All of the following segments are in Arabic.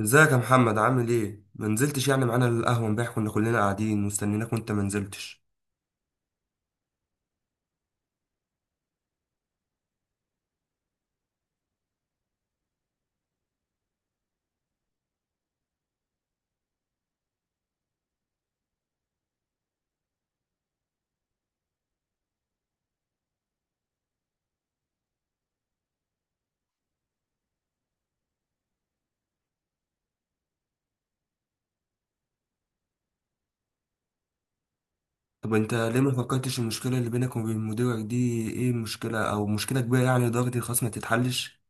ازيك يا محمد؟ عامل ايه؟ ما نزلتش يعني معانا القهوه امبارح، كنا كلنا قاعدين مستنيناك وانت ما نزلتش. طب انت ليه ما فكرتش المشكله اللي بينك وبين مديرك دي؟ ايه المشكله؟ او مشكله كبيره يعني لدرجه الخصم ما تتحلش؟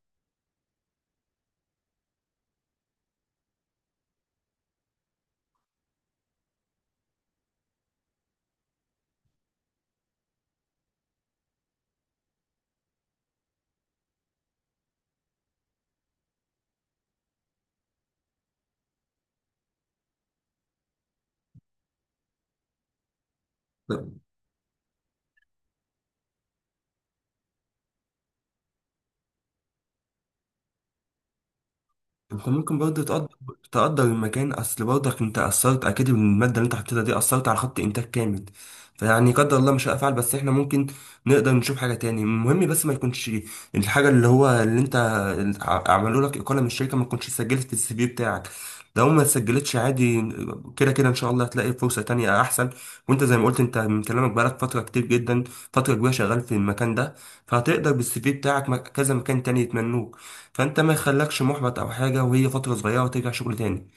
انت ممكن برضه تقدر، تقدر المكان، اصل برضك انت اثرت، اكيد من الماده اللي انت حطيتها دي اثرت على خط انتاج كامل. فيعني قدر الله مش هفعل، بس احنا ممكن نقدر نشوف حاجه تاني. المهم بس ما يكونش الحاجه اللي هو اللي انت عملوا لك اقاله من الشركه ما تكونش اتسجلت في السي في بتاعك. لو ما اتسجلتش عادي، كده كده ان شاء الله هتلاقي فرصه تانية احسن. وانت زي ما قلت، انت من كلامك بقالك فتره كتير جدا، فتره كبيره شغال في المكان ده، فهتقدر بالسي في بتاعك كذا مكان تاني يتمنوك. فانت ما يخلكش محبط او حاجه، وهي فتره صغيره وترجع شغل تاني.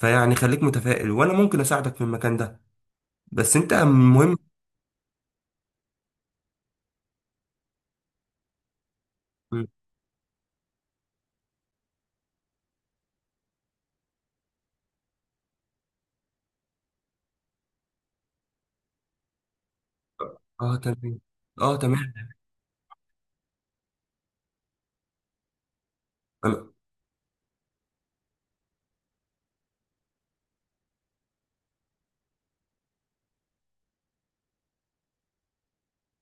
فيعني خليك متفائل، وانا ممكن اساعدك في المكان ده، بس انت المهم. اه تمام. اه تمام.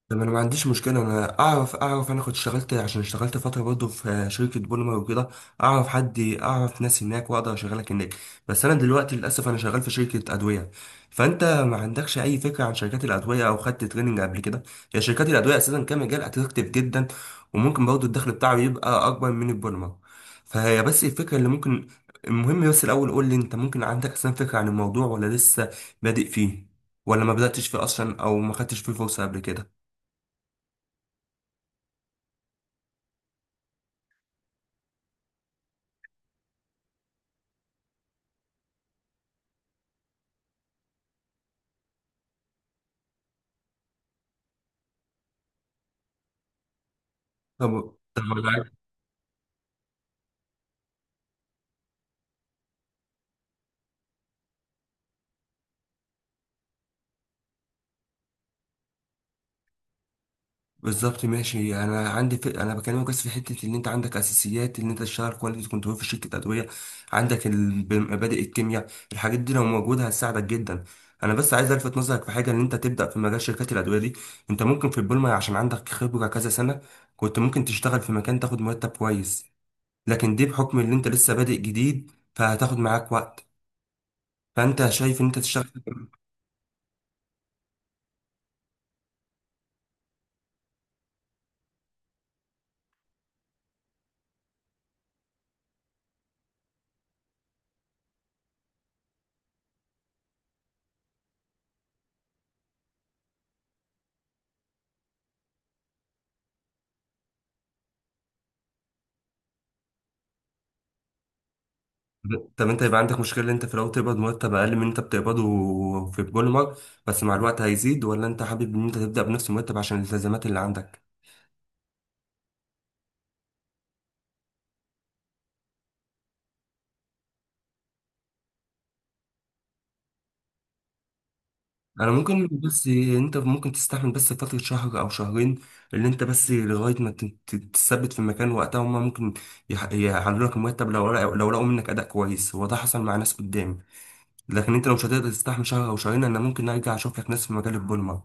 طب انا ما عنديش مشكله، انا اعرف، انا كنت اشتغلت، عشان اشتغلت فتره برضه في شركه بوليمر وكده، اعرف حد، اعرف ناس هناك واقدر اشغلك هناك. بس انا دلوقتي للاسف انا شغال في شركه ادويه. فانت ما عندكش اي فكره عن شركات الادويه؟ او خدت تريننج قبل كده؟ هي شركات الادويه اساسا كمجال اتراكتيف جدا، وممكن برضه الدخل بتاعه يبقى اكبر من البوليمر. فهي بس الفكره اللي ممكن. المهم بس الاول قول لي، انت ممكن عندك اصلا فكره عن الموضوع؟ ولا لسه بادئ فيه؟ ولا ما بداتش فيه اصلا، او ما خدتش فيه فرصه قبل كده؟ طب انا عارف-. بالظبط، ماشي. انا عندي ف... انا بكلمك بس في حته ان انت عندك اساسيات ان انت تشتغل كواليتي كنترول في شركه ادويه. عندك مبادئ الكيمياء، الحاجات دي لو موجوده هتساعدك جدا. انا بس عايز الفت نظرك في حاجه، ان انت تبدا في مجال شركات الادويه دي. انت ممكن في البولما عشان عندك خبره كذا سنه، كنت ممكن تشتغل في مكان تاخد مرتب كويس. لكن دي بحكم ان انت لسه بادئ جديد، فهتاخد معاك وقت. فانت شايف ان انت تشتغل؟ طب انت يبقى عندك مشكلة ان انت في الاول تقبض مرتب اقل من اللي انت بتقبضه في البوليمر، بس مع الوقت هيزيد؟ ولا انت حابب ان انت تبدأ بنفس المرتب عشان الالتزامات اللي عندك؟ انا ممكن، بس انت ممكن تستحمل بس فترة شهر او شهرين اللي انت بس لغاية ما تثبت في مكان، وقتها هما ممكن يعلوا لك المرتب، لو لقوا منك اداء كويس، هو ده حصل مع ناس قدامي. لكن انت لو مش هتقدر تستحمل شهر او شهرين، انا ممكن ارجع اشوف لك ناس في مجال البوليمر.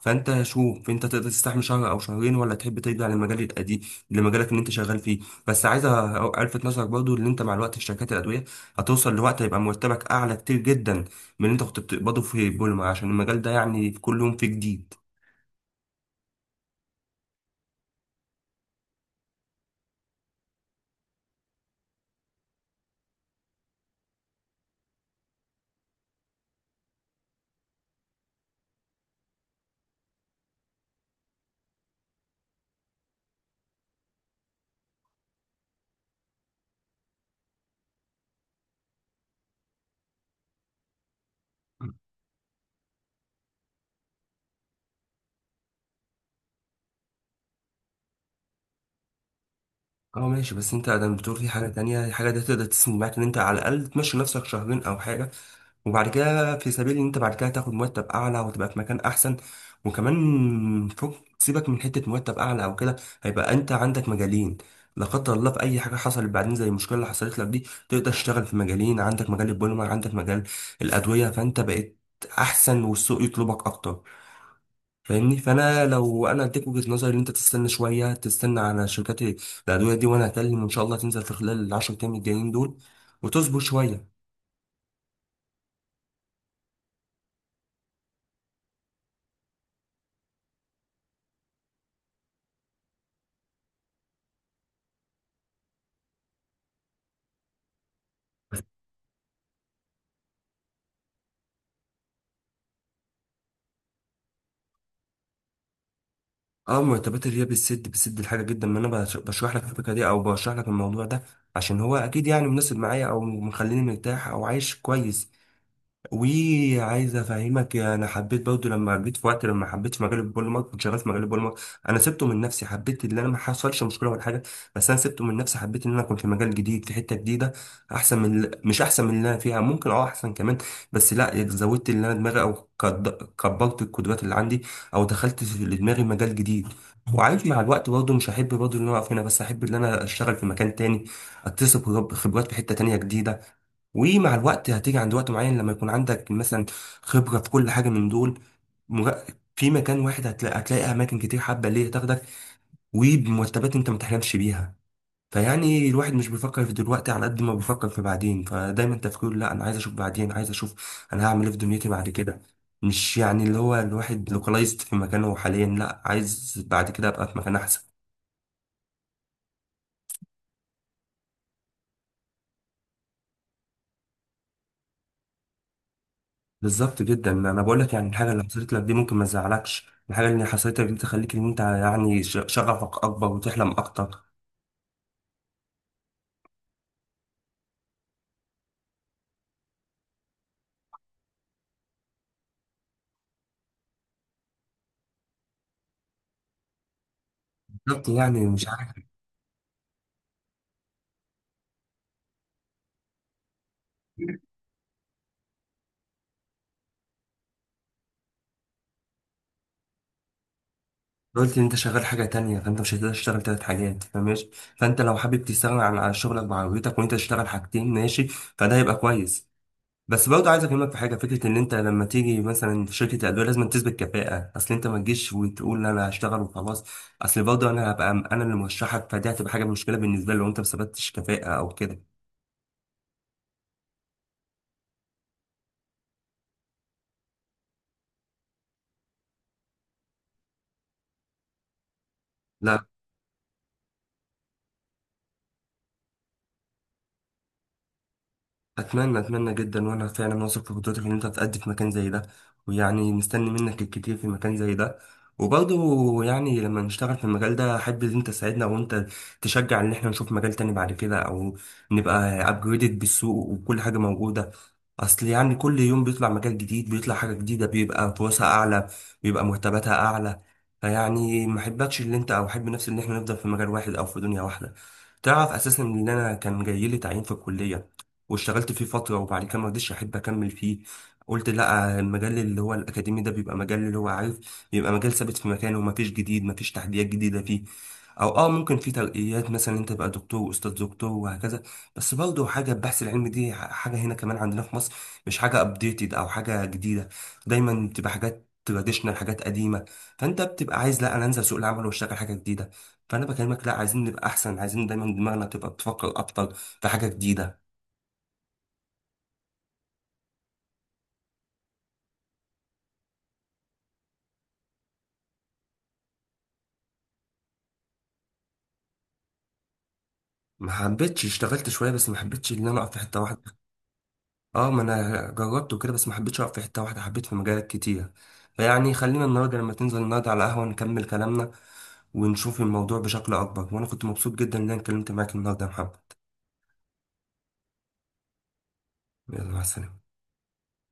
فانت شوف انت تقدر تستحمل شهر او شهرين، ولا تحب ترجع للمجال القديم، لمجالك اللي انت شغال فيه. بس عايز الفت نظرك برضو ان انت مع الوقت في شركات الادويه، هتوصل لوقت هيبقى مرتبك اعلى كتير جدا من اللي انت كنت بتقبضه في البوليمر، عشان المجال ده يعني في كل يوم فيه جديد. اه ماشي، بس انت ادم بتقول في حاجه تانية، الحاجه دي تقدر تسند معاك ان انت على الاقل تمشي نفسك شهرين او حاجه، وبعد كده في سبيل ان انت بعد كده تاخد مرتب اعلى وتبقى في مكان احسن. وكمان فوق سيبك من حته مرتب اعلى او كده، هيبقى انت عندك مجالين. لا قدر الله في اي حاجه حصلت بعدين زي المشكله اللي حصلت لك دي، تقدر تشتغل في مجالين، عندك مجال البوليمر، عندك مجال الادويه. فانت بقيت احسن، والسوق يطلبك اكتر. فاهمني؟ فانا لو انا اديك وجهة نظري، ان انت تستنى شويه، تستنى على شركات الادويه دي، وانا هكلم وان شاء الله تنزل في خلال العشر ايام الجايين دول، وتصبر شويه. اه، مرتبات الريا بتسد، بتسد الحاجه جدا. ما انا بشرح لك الفكره دي، او بشرح لك الموضوع ده عشان هو اكيد يعني مناسب معايا، او مخليني مرتاح او عايش كويس. وعايز افهمك، انا حبيت برضه لما جيت في وقت لما حبيت مجال البوليمر، كنت شغال في مجال البوليمر، انا سبته من نفسي، حبيت ان انا ما حصلش مشكله ولا حاجه، بس انا سبته من نفسي. حبيت ان انا كنت في مجال جديد في حته جديده، احسن من مش احسن من اللي انا فيها، ممكن اه احسن كمان، بس لا زودت اللي انا دماغي او كبرت القدرات اللي عندي، او دخلت في دماغي مجال جديد. وعايش مع الوقت برضه مش هحب برضه ان انا اقف هنا، بس احب ان انا اشتغل في مكان تاني، اكتسب خبرات في حته تانيه جديده. ومع الوقت هتيجي عند وقت معين لما يكون عندك مثلا خبرة في كل حاجة من دول، مر- في مكان واحد هتلاقي, أماكن كتير حابة ليه تاخدك، وبمرتبات أنت ما تحلمش بيها. فيعني الواحد مش بيفكر في دلوقتي على قد ما بيفكر في بعدين. فدايما تفكيره، لا أنا عايز أشوف بعدين، عايز أشوف أنا هعمل إيه في دنيتي بعد كده. مش يعني اللي هو الواحد لوكالايزد في مكانه حاليا، لا عايز بعد كده أبقى في مكان أحسن. بالظبط جدا، انا بقول لك، يعني الحاجه اللي حصلت لك دي ممكن ما تزعلكش، الحاجه اللي حصلت لك دي تخليك ان انت يعني شغفك اكبر وتحلم اكتر. بالظبط يعني مش عارف. قلت ان انت شغال حاجه تانية، فانت مش هتقدر تشتغل تلات حاجات فماشي. فانت لو حابب تستغنى عن شغلك وعربيتك وانت تشتغل حاجتين، ماشي، فده هيبقى كويس. بس برضه عايز اكلمك في حاجه، فكره ان انت لما تيجي مثلا في شركه ادويه لازم تثبت كفاءه، اصل انت ما تجيش وتقول انا هشتغل وخلاص. اصل برضه انا هبقى انا اللي مرشحك، فدي هتبقى حاجه مشكله بالنسبه لي لو انت ما ثبتتش كفاءه او كده. لا. اتمنى جدا، وانا فعلا واثق في قدرتك ان انت هتأدي في مكان زي ده، ويعني مستني منك الكتير في مكان زي ده. وبرضه يعني لما نشتغل في المجال ده، احب ان انت تساعدنا، وانت تشجع ان احنا نشوف مجال تاني بعد كده، او نبقى ابجريدد بالسوق وكل حاجه موجوده. اصل يعني كل يوم بيطلع مجال جديد، بيطلع حاجة جديدة، بيبقى فرصها اعلى، بيبقى مرتباتها اعلى. فيعني ما احبكش اللي انت، او احب نفسي ان احنا نفضل في مجال واحد او في دنيا واحدة. تعرف اساسا ان انا كان جاي لي تعيين في الكلية، واشتغلت فيه فترة وبعد كده ما رضيتش، احب اكمل فيه. قلت لا، المجال اللي هو الاكاديمي ده بيبقى مجال اللي هو عارف، بيبقى مجال ثابت في مكانه ومفيش جديد، مفيش تحديات جديدة فيه. او اه ممكن في ترقيات، مثلا انت تبقى دكتور واستاذ دكتور وهكذا. بس برضه حاجة البحث العلمي دي حاجة هنا كمان عندنا في مصر، مش حاجة ابديتد او حاجة جديدة، دايما بتبقى حاجات تراديشنال، حاجات قديمة. فانت بتبقى عايز لا انا انزل سوق العمل واشتغل حاجة جديدة. فانا بكلمك لا، عايزين نبقى احسن، عايزين دايما دماغنا تبقى بتفكر اكتر في حاجة جديدة. ما حبيتش، اشتغلت شوية بس ما حبيتش ان انا اقف في حتة واحدة. اه ما انا جربت وكده بس ما حبيتش اقف في حتة واحدة، حبيت في مجالات كتير. فيعني خلينا النهارده لما تنزل، النهارده على قهوة نكمل كلامنا، ونشوف الموضوع بشكل اكبر. وانا كنت مبسوط جدا ان انا اتكلمت معاك النهارده يا محمد. يلا، مع السلامة.